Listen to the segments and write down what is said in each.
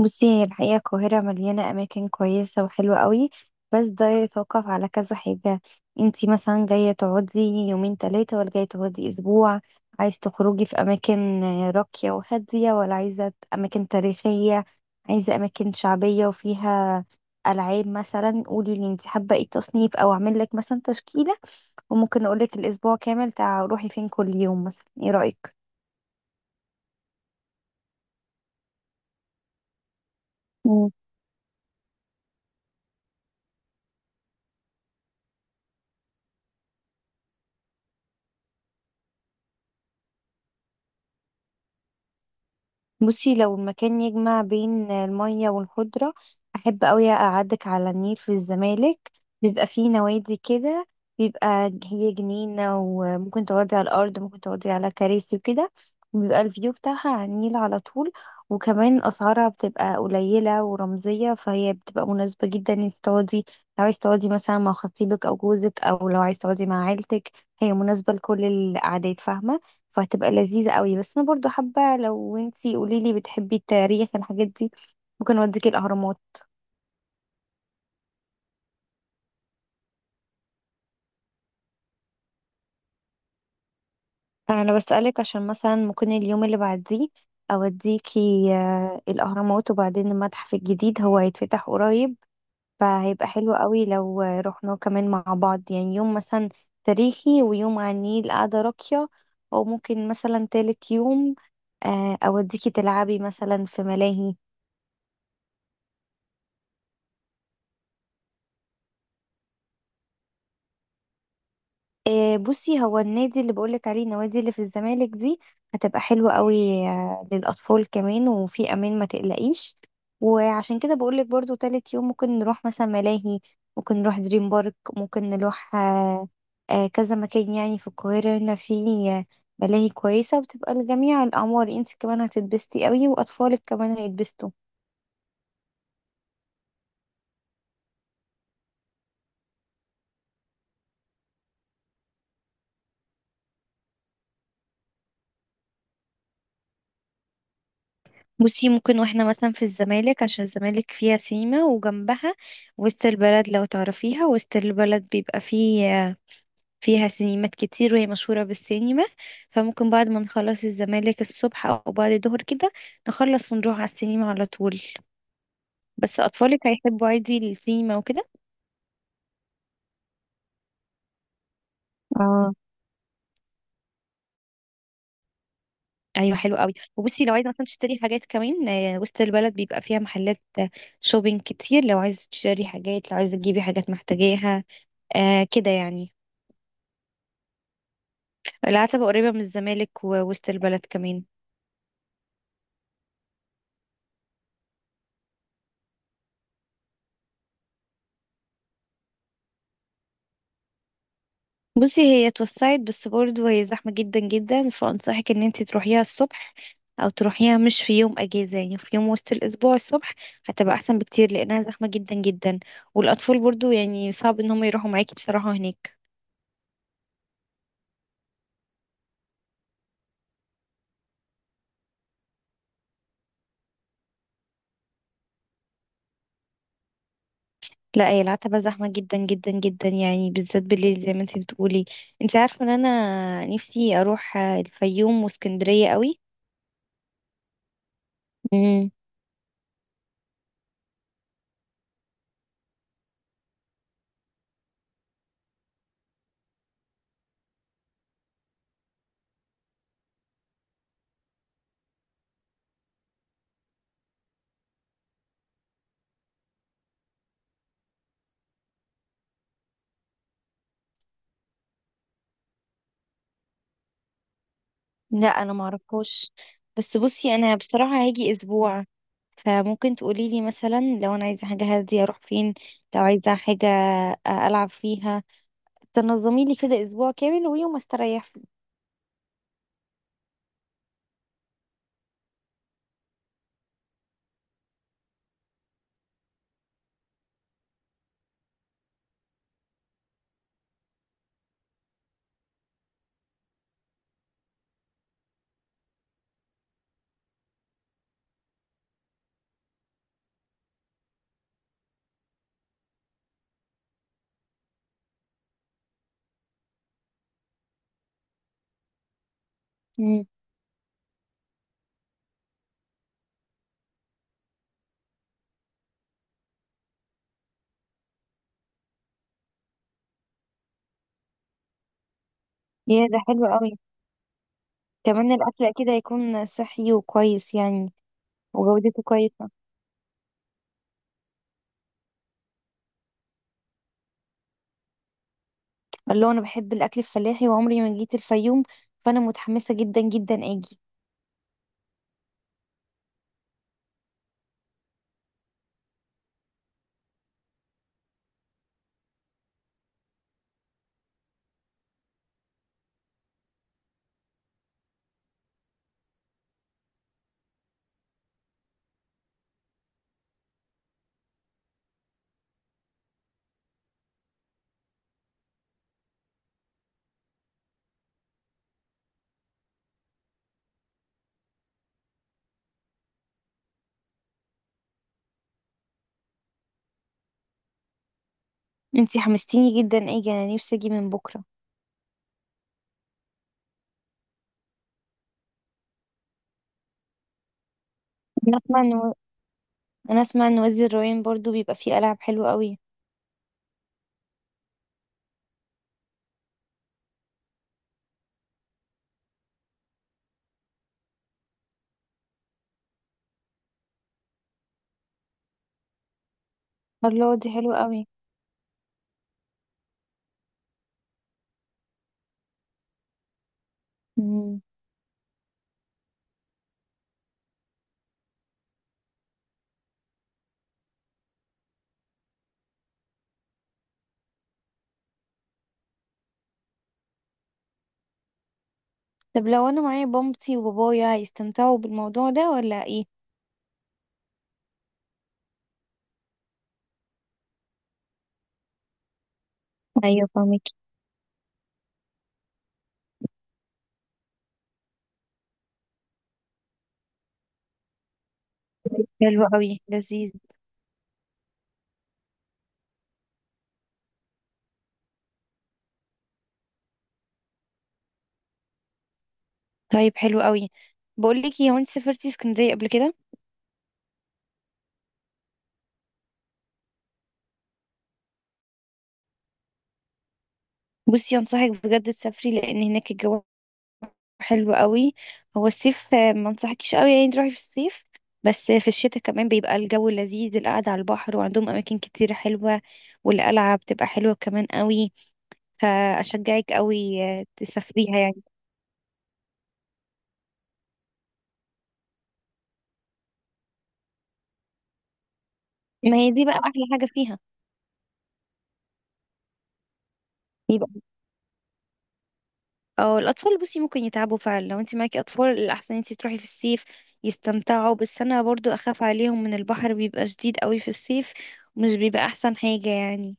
بصي، هي الحقيقة القاهرة مليانة أماكن كويسة وحلوة قوي. بس ده يتوقف على كذا حاجة. انتي مثلا جاية تقعدي يومين تلاتة ولا جاية تقعدي أسبوع؟ عايز تخرجي في أماكن راقية وهادية ولا عايزة أماكن تاريخية؟ عايزة أماكن شعبية وفيها ألعاب؟ مثلا قولي لي انتي حابة ايه التصنيف أو أعمل لك مثلا تشكيلة. وممكن أقولك الأسبوع كامل تع روحي فين كل يوم. مثلا ايه رأيك؟ بصي، لو المكان يجمع بين المية والخضرة، أحب أوي أقعدك على النيل في الزمالك. بيبقى فيه نوادي كده، بيبقى هي جنينة، وممكن تقعدي على الأرض، ممكن تقعدي على كراسي وكده. بيبقى الفيو بتاعها على النيل على طول. وكمان أسعارها بتبقى قليلة ورمزية، فهي بتبقى مناسبة جدا انك تقعدي. لو عايز تقعدي مثلا مع خطيبك أو جوزك، أو لو عايز تقعدي مع عيلتك، هي مناسبة لكل الأعداد، فاهمة؟ فهتبقى لذيذة قوي. بس انا برضو حابة لو انتي قوليلي بتحبي التاريخ الحاجات دي، ممكن اوديكي الاهرامات. انا بسألك عشان مثلا ممكن اليوم اللي بعديه اوديكي الاهرامات وبعدين المتحف الجديد هو هيتفتح قريب. فهيبقى حلو قوي لو رحنا كمان مع بعض يعني يوم مثلا تاريخي، ويوم على النيل قاعدة راقية. او ممكن مثلا تالت يوم اوديكي تلعبي مثلا في ملاهي. بصي، هو النادي اللي بقولك عليه، النوادي اللي في الزمالك دي، هتبقى حلوة قوي للأطفال كمان، وفي أمان ما تقلقيش. وعشان كده بقولك برضو تالت يوم ممكن نروح مثلا ملاهي. ممكن نروح دريم بارك، ممكن نروح كذا مكان يعني في القاهرة هنا في آه، ملاهي كويسة وبتبقى لجميع الأعمار. انت كمان هتتبسطي قوي وأطفالك كمان هيتبسطوا. بصي، ممكن واحنا مثلا في الزمالك، عشان الزمالك فيها سيما وجنبها وسط البلد، لو تعرفيها وسط البلد بيبقى فيها سينمات كتير وهي مشهورة بالسينما. فممكن بعد ما نخلص الزمالك الصبح أو بعد الظهر كده، نخلص ونروح على السينما على طول. بس أطفالك هيحبوا عادي السينما وكده؟ اه، ايوه، حلو قوي. وبصي، لو عايزه مثلا تشتري حاجات كمان، وسط البلد بيبقى فيها محلات شوبينج كتير. لو عايزه تشتري حاجات، لو عايزه تجيبي حاجات محتاجاها آه كده يعني. العتبة قريبة من الزمالك ووسط البلد كمان. بصي، هي اتوسعت بس برضه هي زحمة جدا، فأنصحك إن انتي تروحيها الصبح، أو تروحيها مش في يوم أجازة، يعني في يوم وسط الأسبوع الصبح. هتبقى أحسن بكتير لأنها زحمة جدا. والأطفال برضه يعني صعب إن هم يروحوا معاكي بصراحة هناك. لا، هي العتبة زحمة جدا جدا جدا يعني، بالذات بالليل زي ما انتي بتقولي. انتي عارفة إن أنا نفسي أروح الفيوم واسكندرية قوي. لا، انا معرفهاش. بس بصي، انا بصراحة هاجي اسبوع، فممكن تقولي لي مثلا لو انا عايزة حاجة هادية اروح فين، لو عايزة حاجة العب فيها. تنظمي لي كده اسبوع كامل ويوم استريح فيه. امم. يا ده حلو قوي. كمان الاكل اكيد هيكون صحي وكويس يعني، وجودته كويسة. الله، انا بحب الاكل الفلاحي وعمري ما جيت الفيوم، فانا متحمسة جدا جدا اجي. انتي حمستيني جدا اجي، انا نفسي اجي من بكرة. نسمع. انا اسمع ان وادي الريان برضو بيبقى فيه العاب حلوه قوي. الله، دي حلوة قوي. مم. طب لو انا معايا بمتي وبابايا هيستمتعوا بالموضوع ده ولا ايه؟ ايوه، فاهمك. حلو قوي، لذيذ. طيب حلو قوي. بقول لك ايه، هو انت سافرتي اسكندريه قبل كده؟ بصي، انصحك بجد تسافري لان هناك الجو حلو قوي. هو الصيف ما انصحكيش قوي يعني تروحي في الصيف، بس في الشتاء كمان بيبقى الجو لذيذ، القعده على البحر، وعندهم اماكن كتير حلوه، والقلعه بتبقى حلوه كمان قوي. فأشجعك قوي تسافريها يعني. ما هي دي بقى احلى حاجه فيها. يبقى، اه، الأطفال بصي ممكن يتعبوا فعلا. لو انت معاكي أطفال، الأحسن انت تروحي في الصيف يستمتعوا. بس أنا برضو أخاف عليهم من البحر بيبقى شديد قوي في الصيف، ومش بيبقى أحسن حاجة يعني.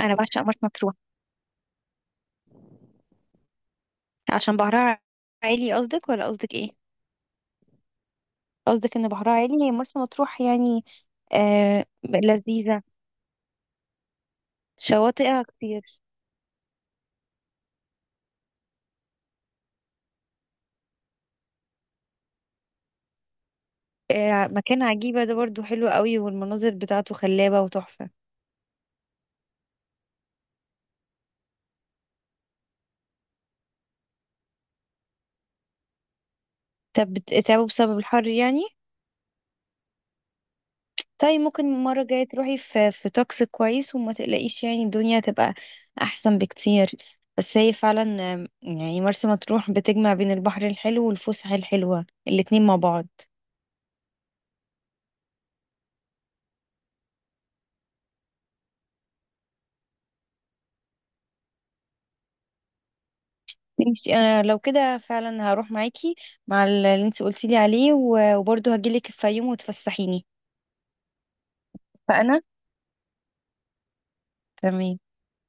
أنا بعشق مرسى مطروح عشان بحرها عالي. قصدك ولا قصدك ايه؟ قصدك ان بحرها عالي هي مرسى مطروح يعني؟ آه، لذيذة، شواطئها كتير. آه، مكان عجيبة ده برضو حلو قوي، والمناظر بتاعته خلابة وتحفة. طب بتتعبوا بسبب الحر يعني؟ طيب ممكن المرة الجاية تروحي في توكس كويس وما تقلقيش، يعني الدنيا هتبقى أحسن بكتير. بس هي فعلا يعني مرسى مطروح بتجمع بين البحر الحلو والفسحة الحلوة الاتنين مع بعض. ماشي، أنا لو كده فعلا هروح معاكي مع اللي انت قلتيلي عليه، و- وبرضه هجيلك في يوم وتفسحيني. فأنا تمام